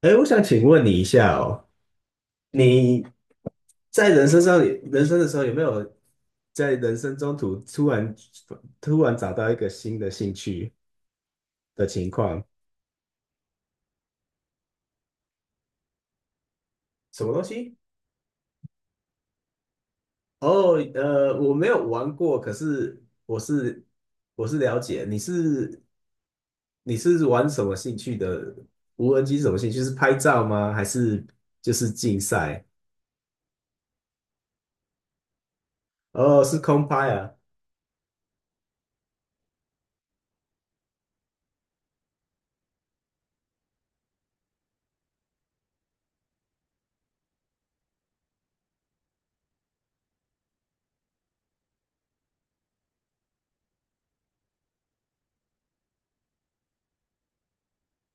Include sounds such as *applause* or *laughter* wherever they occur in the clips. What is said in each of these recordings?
哎，我想请问你一下哦，你在人生上，人生的时候有没有在人生中途突然找到一个新的兴趣的情况？什么东西？哦，我没有玩过，可是我是我是了解，你是玩什么兴趣的？无人机是什么兴趣？是拍照吗？还是就是竞赛？哦，是空拍啊。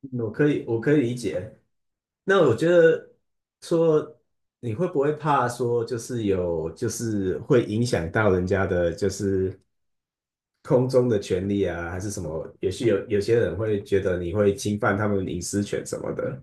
嗯我可以理解。那我觉得说，你会不会怕说，就是有，就是会影响到人家的，就是空中的权利啊，还是什么？也许有些人会觉得你会侵犯他们隐私权什么的。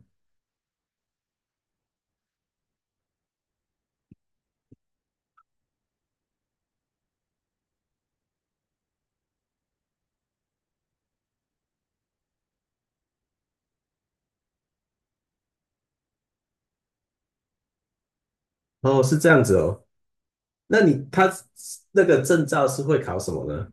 哦，是这样子哦。那你那个证照是会考什么呢？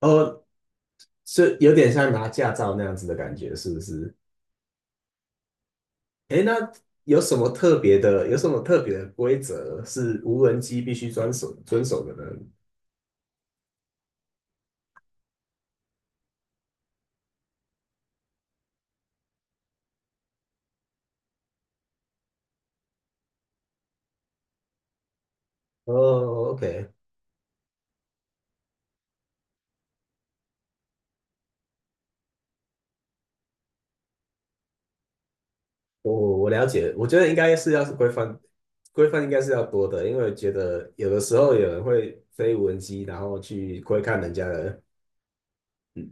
哦，是有点像拿驾照那样子的感觉，是不是？诶，那有什么特别的规则是无人机必须遵守的呢？哦，OK，我了解，我觉得应该是要是规范，规范应该是要多的，因为觉得有的时候有人会飞无人机，然后去窥看人家的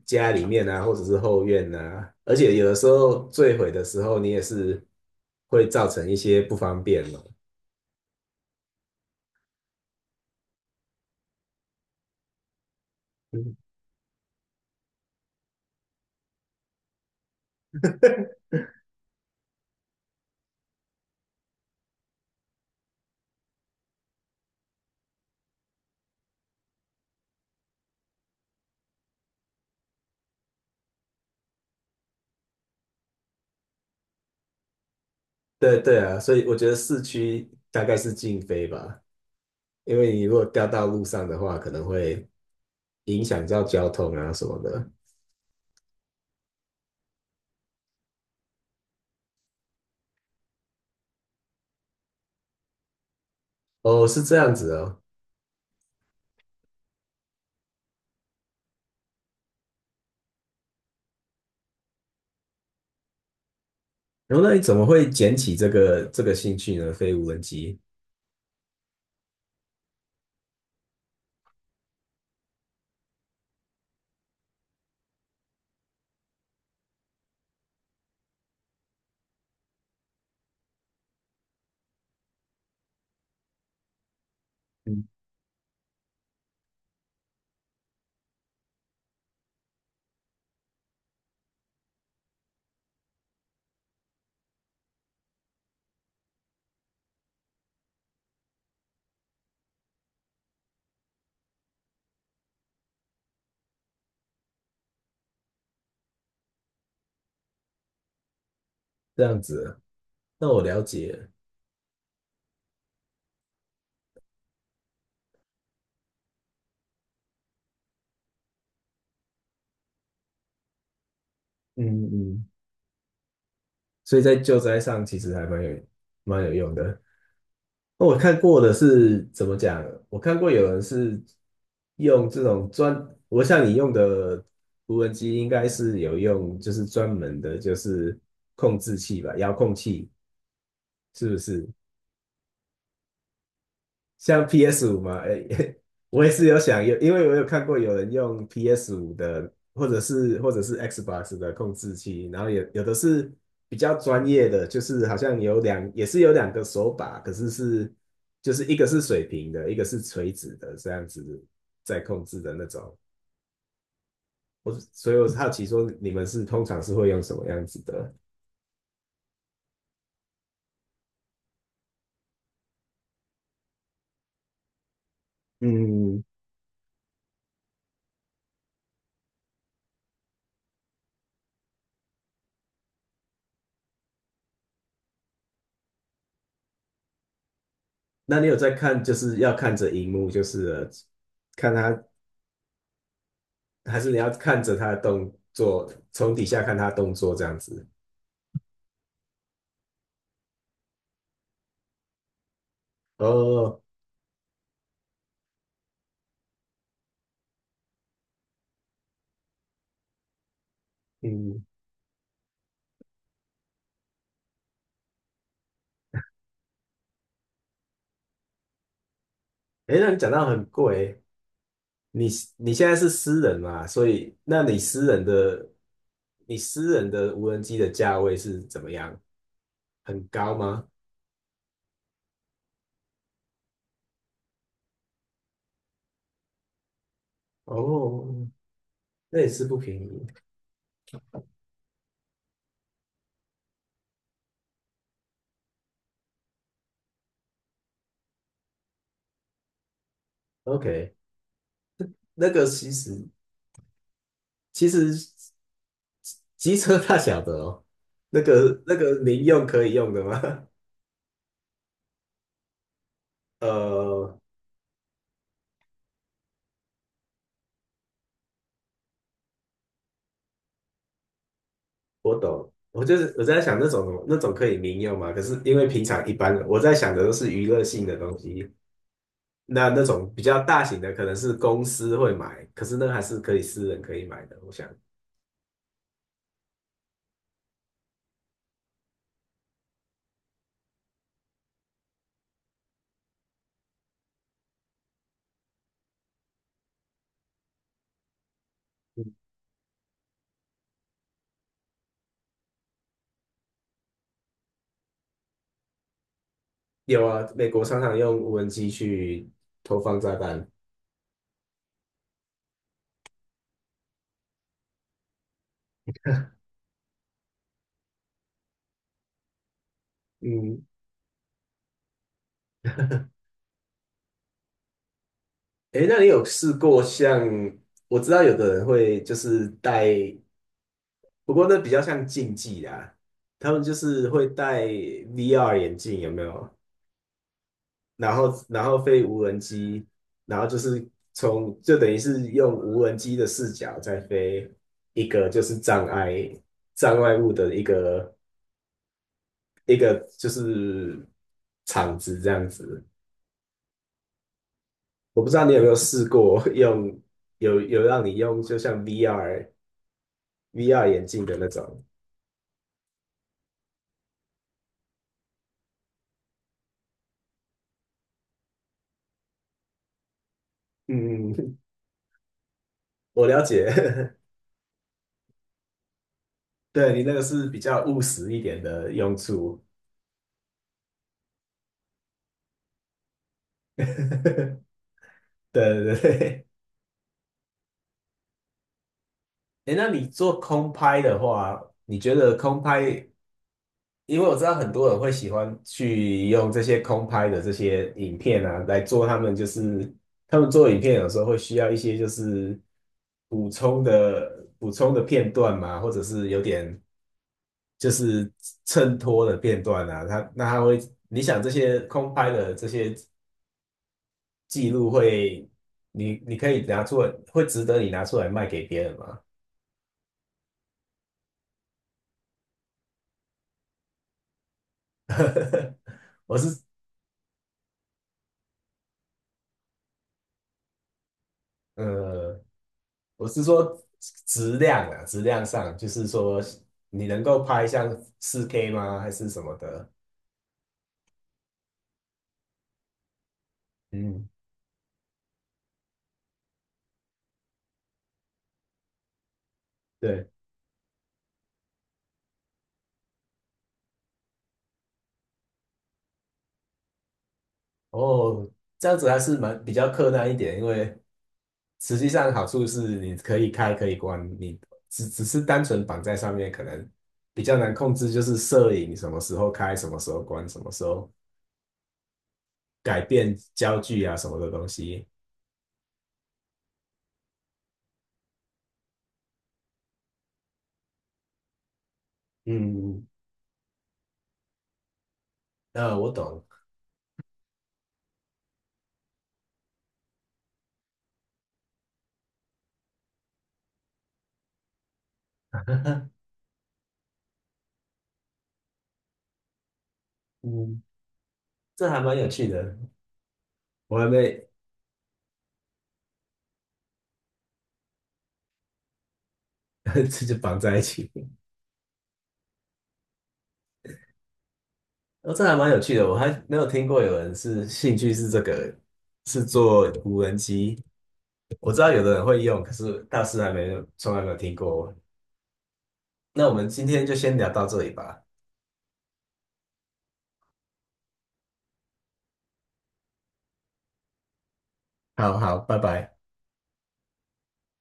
家里面啊，或者是后院啊，而且有的时候坠毁的时候，你也是会造成一些不方便嘛。*laughs* 对对啊，所以我觉得市区大概是禁飞吧。因为你如果掉到路上的话，可能会影响到交通啊什么的。哦，是这样子哦。然后那你怎么会捡起这个兴趣呢？飞无人机，嗯，这样子哦，那我了解了。嗯嗯。所以在救灾上其实还蛮有用的。那我看过的是怎么讲？我看过有人是用这种我像你用的无人机应该是有用，就是专门的，就是控制器吧，遥控器是不是？像 PS 五嘛，诶，*laughs* 我也是有想有，因为我有看过有人用 PS 五的，或者是 Xbox 的控制器，然后有的是比较专业的，就是好像也是有两个手把，可是就是一个是水平的，一个是垂直的，这样子在控制的那种。所以我好奇说你们是通常是会用什么样子的？嗯，那你有在看，就是要看着荧幕，就是了看它还是你要看着他的动作，从底下看他的动作这样子。哦，嗯，哎，那你讲到很贵，你你现在是私人嘛，所以那你私人的无人机的价位是怎么样？很高吗？哦，那也是不便宜。OK，那个其实机车 *laughs* 大小的哦，那个民用可以用的吗？*laughs* 呃，我懂，我就是我在想那种可以民用嘛，可是因为平常一般人我在想的都是娱乐性的东西，那种比较大型的可能是公司会买，可是那还是可以私人可以买的，我想有啊，美国常常用无人机去投放炸弹，嗯，诶，那你有试过像我知道有的人会就是戴，不过那比较像竞技啦，他们就是会戴 VR 眼镜，有没有？然后飞无人机，然后就是从就等于是用无人机的视角在飞一个就是障碍物的一个就是场子这样子。我不知道你有没有试过用有让你用就像 VR 眼镜的那种，嗯，*laughs* 嗯，我了解，*laughs* 对你那个是比较务实一点的用处，*laughs* 对对对。哎，那你做空拍的话，你觉得空拍，因为我知道很多人会喜欢去用这些空拍的这些影片啊，来做他们就是他们做影片有时候会需要一些就是补充的片段嘛，或者是有点就是衬托的片段啊，他那他会，你想这些空拍的这些记录会，你可以拿出来，会值得你拿出来卖给别人吗？*laughs* 我是呃，我是说质量啊，质量上，就是说你能够拍像4K 吗，还是什么的？嗯，对，哦，这样子还是蛮比较困难一点，因为实际上好处是你可以开可以关，你只是单纯绑在上面，可能比较难控制，就是摄影什么时候开，什么时候关，什么时候改变焦距啊什么的东西。嗯，我懂，*laughs* 嗯，这还蛮有趣的。我还没，*laughs* 这就绑在一起。哦，这还蛮有趣的，我还没有听过有人是兴趣是这个，是做无人机。我知道有的人会用，可是大师还没有，从来没有听过。那我们今天就先聊到这里吧。好好，拜拜。